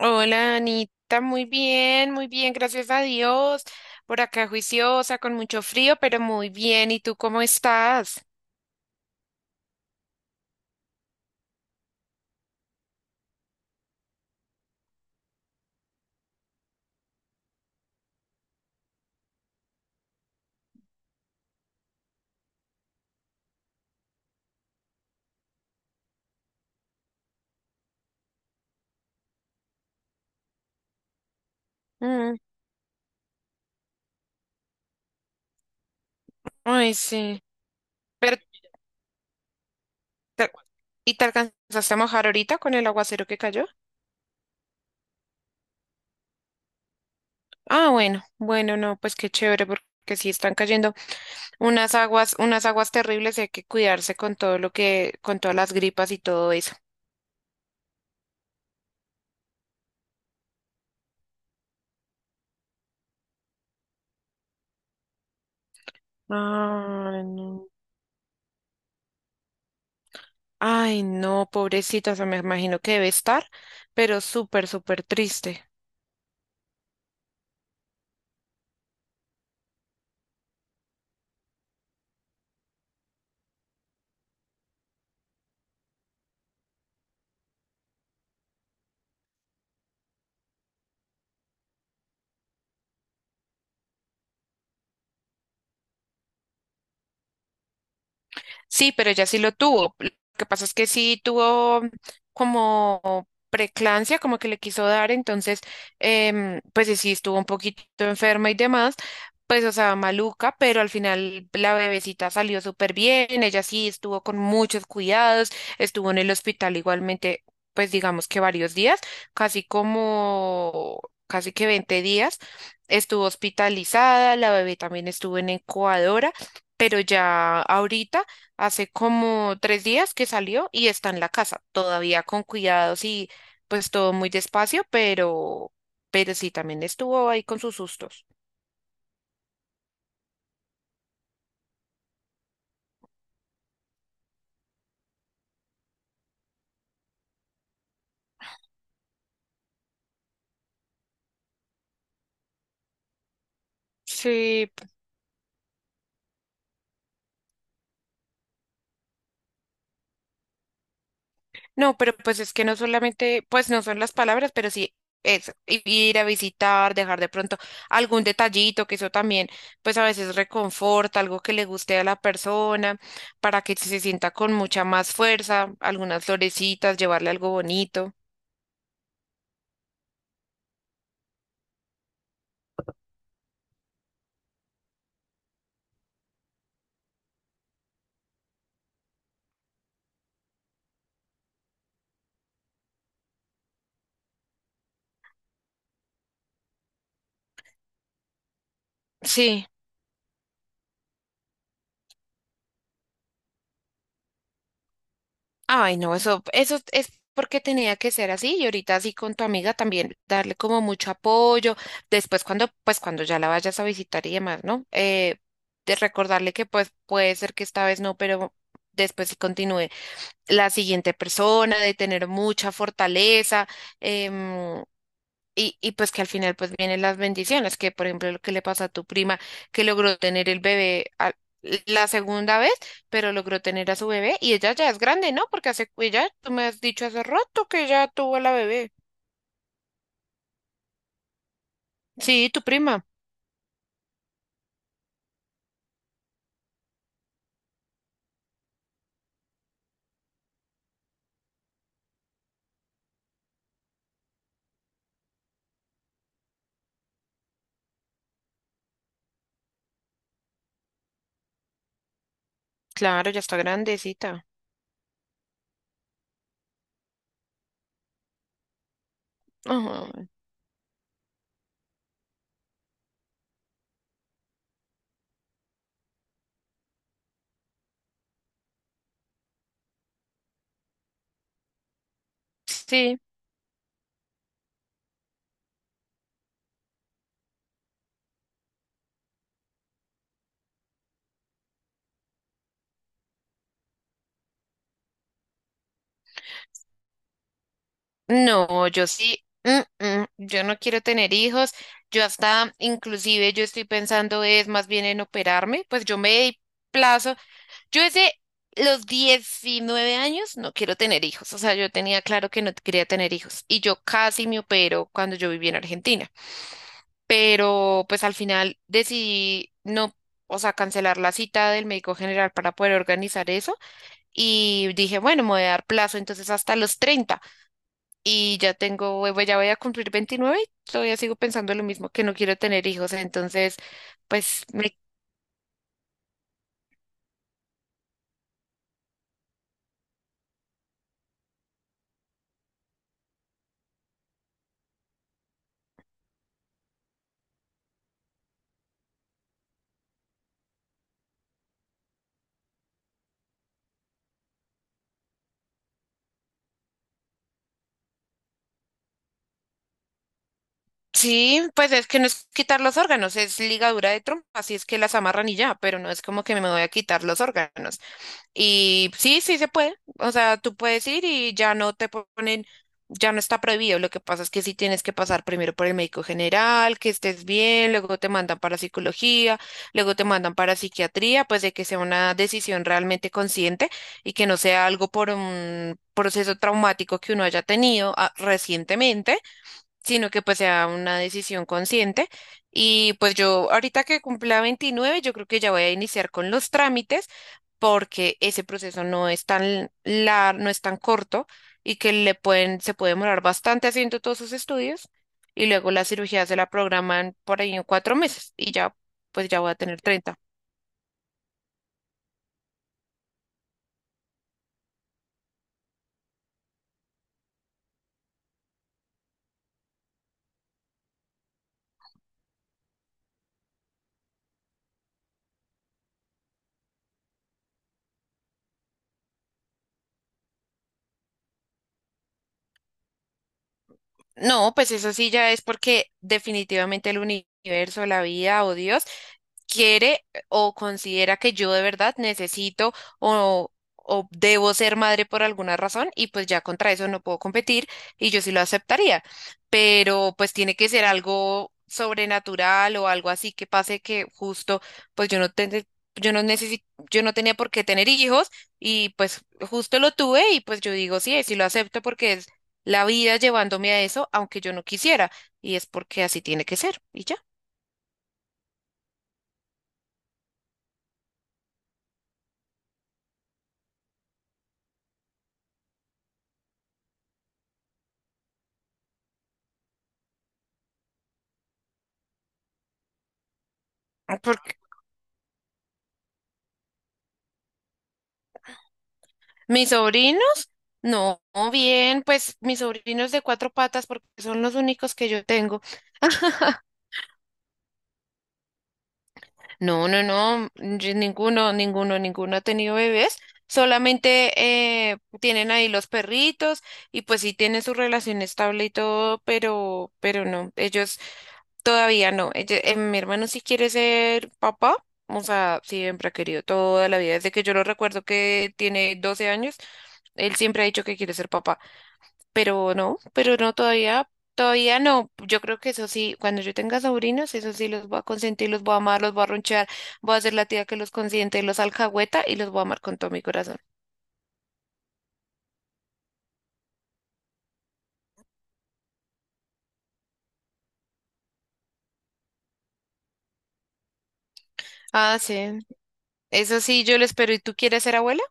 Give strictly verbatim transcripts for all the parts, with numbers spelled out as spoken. Hola, Anita, muy bien, muy bien, gracias a Dios. Por acá juiciosa, con mucho frío, pero muy bien. ¿Y tú cómo estás? Mm. Ay, sí. Pero, te- ¿y te alcanzaste a mojar ahorita con el aguacero que cayó? Ah, bueno, bueno, no, pues qué chévere, porque sí están cayendo unas aguas, unas aguas terribles y hay que cuidarse con todo lo que, con todas las gripas y todo eso. Ay, no. Ay, no, pobrecita, o sea, me imagino que debe estar, pero súper, súper triste. Sí, pero ella sí lo tuvo. Lo que pasa es que sí tuvo como preclancia, como que le quiso dar, entonces, em, pues y sí estuvo un poquito enferma y demás, pues o sea, maluca, pero al final la bebecita salió súper bien. Ella sí estuvo con muchos cuidados, estuvo en el hospital igualmente, pues digamos que varios días, casi como, casi que veinte días, estuvo hospitalizada. La bebé también estuvo en incubadora, pero ya ahorita hace como tres días que salió y está en la casa, todavía con cuidados y pues todo muy despacio, pero, pero sí, también estuvo ahí con sus sustos. Sí, p- no, pero pues es que no solamente, pues no son las palabras, pero sí eso, i- ir a visitar, dejar de pronto algún detallito, que eso también, pues a veces reconforta, algo que le guste a la persona, para que se sienta con mucha más fuerza, algunas florecitas, llevarle algo bonito. Sí. Ay, no, eso, eso es porque tenía que ser así, y ahorita así con tu amiga también darle como mucho apoyo. Después cuando, pues cuando ya la vayas a visitar y demás, ¿no? Eh, de recordarle que pues puede ser que esta vez no, pero después sí continúe la siguiente persona, de tener mucha fortaleza. em, y, y pues que al final pues vienen las bendiciones, que por ejemplo lo que le pasa a tu prima, que logró tener el bebé a- la segunda vez, pero logró tener a su bebé y ella ya es grande, ¿no? Porque hace, ella, tú me has dicho hace rato que ya tuvo la bebé. Sí, tu prima. Claro, ya está grandecita. Ajá, sí. No, yo sí. mm, mm, Yo no quiero tener hijos. Yo hasta, inclusive, yo estoy pensando es más bien en operarme. Pues yo me di plazo. Yo desde los diecinueve años no quiero tener hijos, o sea, yo tenía claro que no quería tener hijos y yo casi me opero cuando yo vivía en Argentina, pero pues al final decidí no, o sea, cancelar la cita del médico general para poder organizar eso, y dije, bueno, me voy a dar plazo entonces hasta los treinta, y ya tengo, voy- ya voy a cumplir veintinueve y todavía sigo pensando lo mismo, que no quiero tener hijos, entonces pues me... Sí, pues es que no es quitar los órganos, es ligadura de trompa, así es que las amarran y ya, pero no es como que me voy a quitar los órganos. Y sí, sí se puede, o sea, tú puedes ir y ya no te ponen, ya no está prohibido. Lo que pasa es que sí tienes que pasar primero por el médico general, que estés bien, luego te mandan para psicología, luego te mandan para psiquiatría, pues de que sea una decisión realmente consciente y que no sea algo por un proceso traumático que uno haya tenido ah, recientemente, sino que pues sea una decisión consciente. Y pues yo ahorita que cumpla veintinueve yo creo que ya voy a iniciar con los trámites, porque ese proceso no es tan lar- no es tan corto y que le pueden, se puede demorar bastante haciendo todos sus estudios, y luego la cirugía se la programan por ahí en cuatro meses, y ya pues ya voy a tener treinta. No, pues eso sí ya es porque definitivamente el universo, la vida o Dios quiere o considera que yo de verdad necesito o, o debo ser madre por alguna razón y pues ya contra eso no puedo competir y yo sí lo aceptaría. Pero pues tiene que ser algo sobrenatural o algo así que pase que justo pues yo no ten- yo no necesi- yo no tenía por qué tener hijos y pues justo lo tuve y pues yo digo sí, sí lo acepto porque es la vida llevándome a eso, aunque yo no quisiera, y es porque así tiene que ser, y ya. Porque mis sobrinos, no, bien, pues mis sobrinos de cuatro patas, porque son los únicos que yo tengo. No, no, no, yo- ninguno, ninguno, ninguno ha tenido bebés, solamente eh, tienen ahí los perritos y pues sí tienen su relación estable y todo, pero, pero no, ellos todavía no. Ella- eh, mi hermano sí quiere ser papá, o sea, siempre ha querido toda la vida, desde que yo lo recuerdo que tiene doce años. Él siempre ha dicho que quiere ser papá, pero no, pero no todavía, todavía no. Yo creo que eso sí, cuando yo tenga sobrinos, eso sí los voy a consentir, los voy a amar, los voy a ronchar, voy a ser la tía que los consiente, los alcahueta y los voy a amar con todo mi corazón. Ah, sí, eso sí, yo lo espero. ¿Y tú quieres ser abuela?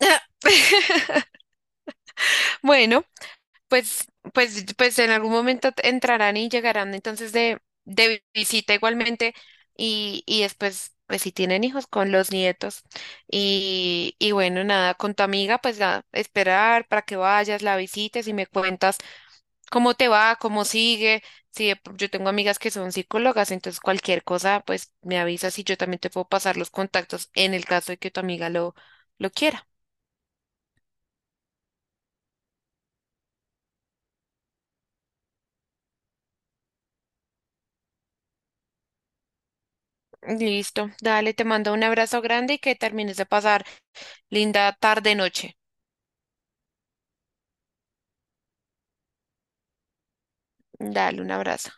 Bueno. Pues, pues, pues en algún momento t- entrarán y llegarán entonces de, de visita igualmente y, y después, pues si tienen hijos con los nietos, y, y bueno, nada, con tu amiga, pues nada, esperar para que vayas, la visites y me cuentas cómo te va, cómo sigue. Si de pr- yo tengo amigas que son psicólogas, entonces cualquier cosa, pues me avisas y yo también te puedo pasar los contactos en el caso de que tu amiga lo, lo quiera. Listo, dale, te mando un abrazo grande y que termines de pasar linda tarde, noche. Dale un abrazo.